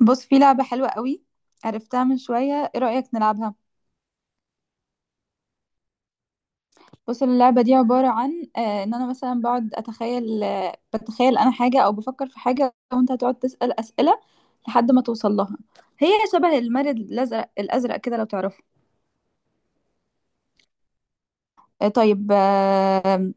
بص، في لعبة حلوة قوي عرفتها من شوية. ايه رأيك نلعبها؟ بص، اللعبة دي عبارة عن ان انا مثلا بقعد اتخيل، بتخيل انا حاجة او بفكر في حاجة، وانت هتقعد تسأل أسئلة لحد ما توصل لها. هي شبه المارد الازرق كده، لو تعرفه. طيب.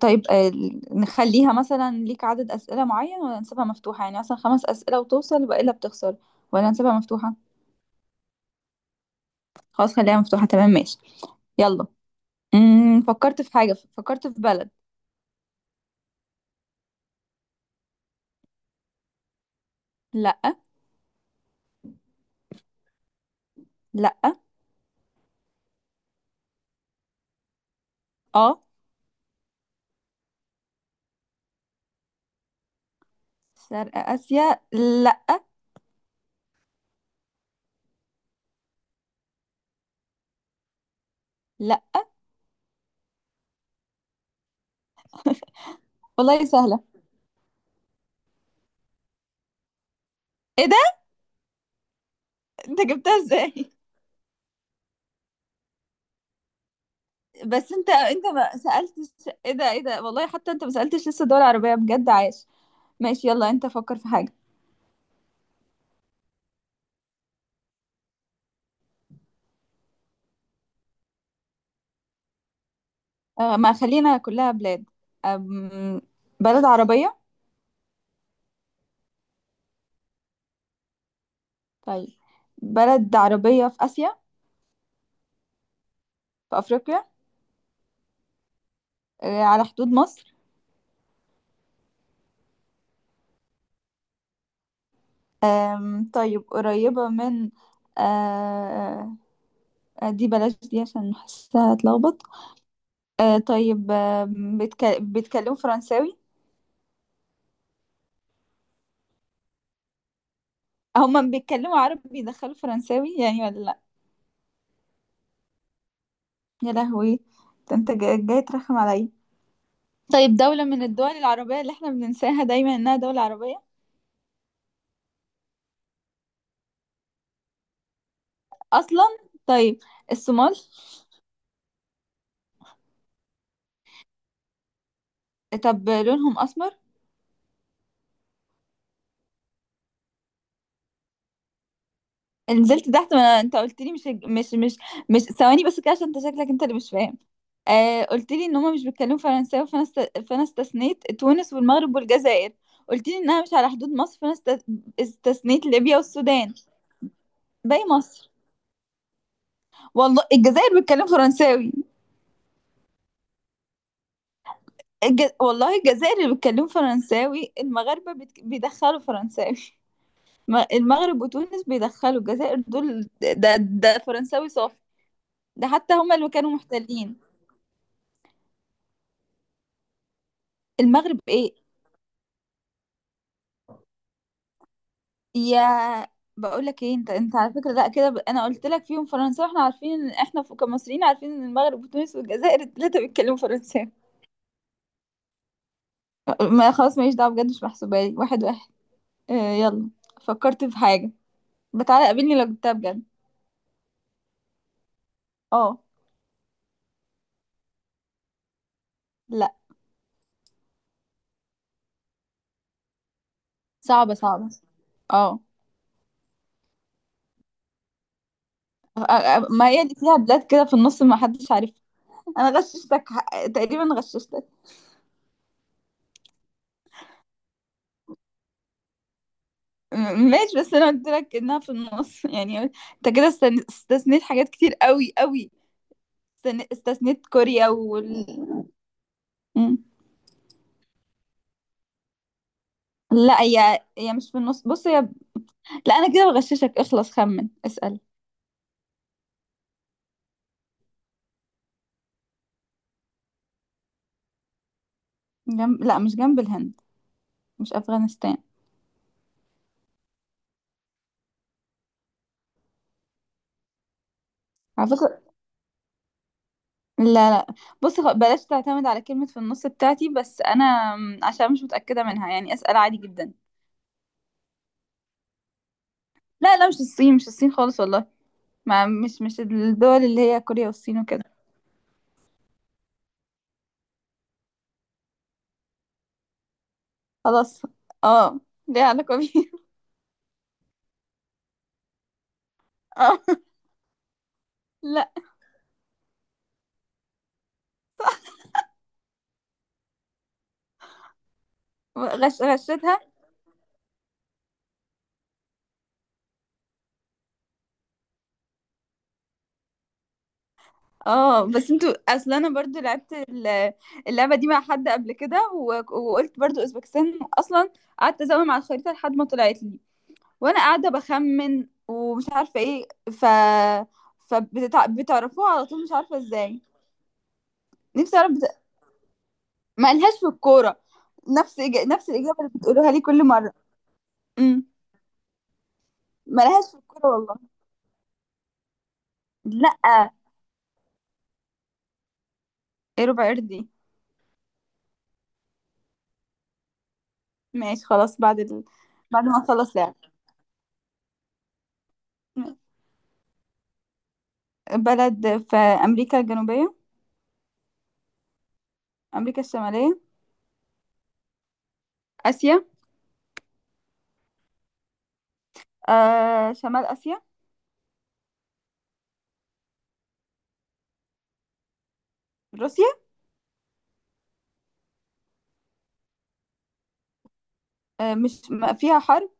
طيب. نخليها مثلا ليك عدد أسئلة معين ولا نسيبها مفتوحة؟ يعني مثلا خمس أسئلة وتوصل والا بتخسر، ولا نسيبها مفتوحة؟ خلاص، خليها مفتوحة. تمام، ماشي. يلا. فكرت في حاجة، فكرت في بلد. لا. لا. اه. شرق اسيا. لا. لا. والله سهله. ايه ده؟ انت جبتها ازاي؟ بس انت ما سالتش. ايه ده، ايه ده، والله حتى انت ما سالتش لسه. دول عربيه بجد، عايش. ماشي، يلا، انت فكر في حاجه. ما خلينا كلها بلاد. أم بلد عربيه. طيب. بلد عربيه في اسيا؟ في افريقيا؟ على حدود مصر؟ طيب، قريبه من... آه دي بلاش دي عشان حاسها هتلخبط. طيب. بيتكلموا فرنساوي؟ هما بيتكلموا عربي بيدخلوا فرنساوي يعني، ولا لا؟ يا لهوي، ده انت جاي ترخم عليا. طيب، دولة من الدول العربية اللي احنا بننساها دايما انها دولة عربية اصلا. طيب، الصومال؟ طب لونهم اسمر؟ نزلت تحت، ما انت قلت لي مش مش، ثواني بس كده عشان انت شكلك انت اللي مش فاهم. قلت لي ان هما مش بيتكلموا فرنساوي، فانا استثنيت تونس والمغرب والجزائر. قلت لي انها مش على حدود مصر، استثنيت ليبيا والسودان. باقي مصر. والله الجزائر بيتكلموا فرنساوي. والله الجزائر اللي بيتكلموا فرنساوي، المغاربة بيدخلوا فرنساوي. المغرب وتونس بيدخلوا، الجزائر دول ده فرنساوي صافي. ده حتى هما اللي كانوا محتلين. المغرب ايه؟ يا، بقول لك ايه، انت على فكره لا كده انا قلت لك فيهم فرنساوي، احنا عارفين ان احنا كمصريين عارفين ان المغرب وتونس والجزائر الثلاثه بيتكلموا فرنساوي. ما خلاص، ماليش دعوه، بجد مش محسوبه لي. واحد واحد. يلا، فكرت في حاجه، بتعالى قابلني لو جبتها بجد. اه. لا. صعبه صعبه. اه. ما هي اللي فيها بلاد كده في النص ما حدش عارفها. انا غششتك، تقريبا غششتك. ماشي، بس انا قلت لك انها في النص يعني انت كده استثنيت حاجات كتير قوي قوي. استثنيت كوريا مم. لا هي مش في النص، بص هي. لا انا كده بغششك، اخلص خمن، اسأل. جنب... لا، مش جنب الهند. مش افغانستان. على فكرة، لا، لا. بص، بلاش تعتمد على كلمة في النص بتاعتي، بس انا عشان مش متأكدة منها، يعني اسأل عادي جدا. لا، لا، مش الصين، مش الصين خالص والله. ما مش الدول اللي هي كوريا والصين وكده. خلاص. اه. ليها علاقة بيها. اه. لا. غشتها. اه، بس انتوا اصل انا برضو لعبت اللعبه دي مع حد قبل كده، وقلت برضو اوزبكستان اصلا. قعدت ازوم على الخريطه لحد ما طلعت لي، وانا قاعده بخمن ومش عارفه ايه فبتعرفوها على طول، مش عارفه ازاي. نفسي اعرف مالهاش في الكوره. نفس الاجابه اللي بتقولوها لي كل مره. امم. مالهاش في الكوره والله. لا. ايه ربع قردي؟ ماشي خلاص، بعد بعد ما اخلص لعب. بلد في امريكا الجنوبيه؟ أمريكا الشمالية؟ آسيا؟ شمال آسيا؟ روسيا؟ مش ما فيها حرب؟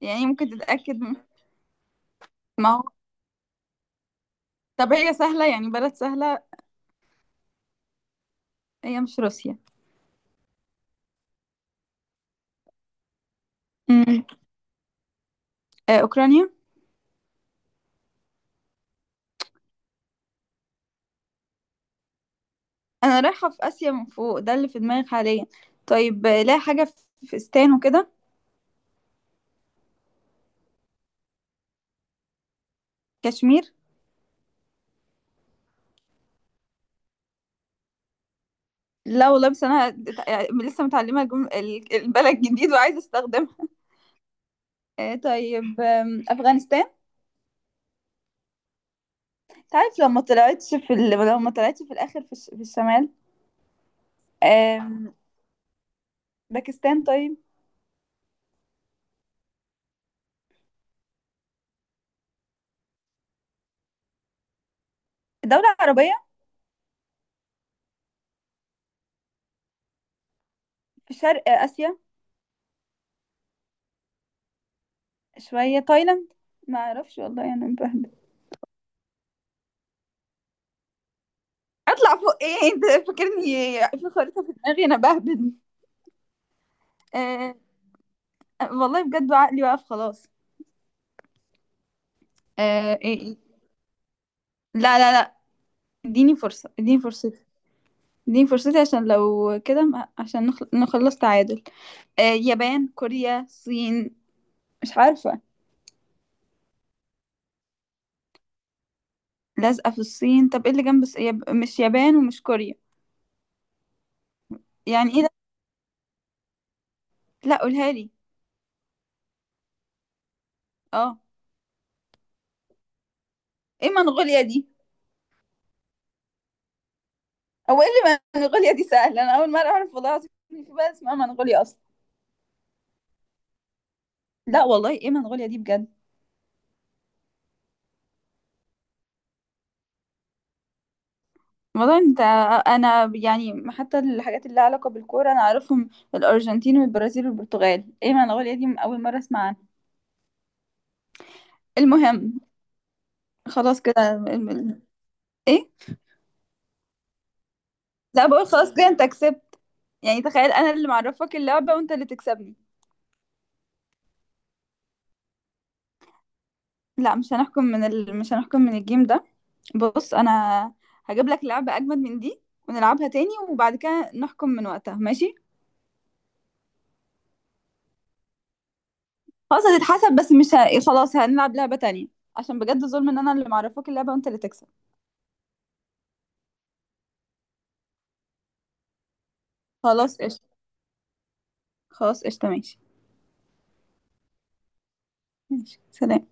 يعني ممكن تتأكد ما هو. طب هي سهلة يعني؟ بلد سهلة؟ هي مش روسيا؟ مم. أوكرانيا؟ أنا رايحة في آسيا من فوق، ده اللي في دماغي حاليا. طيب، لا حاجة في فستان وكده. كشمير؟ لا والله، بس أنا يعني لسه متعلمة البلد جديد وعايزة أستخدمها. طيب. أفغانستان؟ تعرف لو ما طلعتش في لو ما طلعتش في الآخر في، في الشمال. باكستان طيب؟ دولة عربية؟ في شرق آسيا؟ شوية. تايلاند؟ ما اعرفش والله، انا يعني بهبد. اطلع فوق ايه، انت فاكرني في خريطة في دماغي؟ انا بهبد. آه والله بجد عقلي واقف خلاص. إيه، إيه. لا، لا، لا، اديني فرصة، اديني فرصتي. اديني فرصتي عشان لو كده، عشان نخلص تعادل. يابان، كوريا، الصين؟ مش عارفة. لازقة في الصين؟ طب ايه اللي جنب مش يابان ومش كوريا؟ يعني ايه ده؟ لا، قولها لي. اه. ايه منغوليا دي؟ هو ايه اللي منغوليا دي سهله؟ انا اول مره اعرف والله العظيم إن في بلد اسمها منغوليا اصلا. لا والله، ايه منغوليا دي بجد؟ والله انت... انا يعني حتى الحاجات اللي لها علاقه بالكوره انا اعرفهم. الارجنتين والبرازيل والبرتغال، ايه منغوليا دي؟ اول مره اسمع عنها. المهم، خلاص كده ايه. لا، بقول خلاص كده انت كسبت. يعني تخيل انا اللي معرفك اللعبه وانت اللي تكسبني. لا، مش هنحكم من مش هنحكم من الجيم ده. بص انا هجيب لك لعبه اجمد من دي، ونلعبها تاني وبعد كده نحكم من وقتها، ماشي؟ خلاص هتتحسب، بس مش ه... خلاص هنلعب لعبة تانية عشان بجد ظلم ان انا اللي معرفاك اللعبة وانت اللي تكسب. خلاص قشطة. خلاص قشطة ماشي. ماشي، سلام.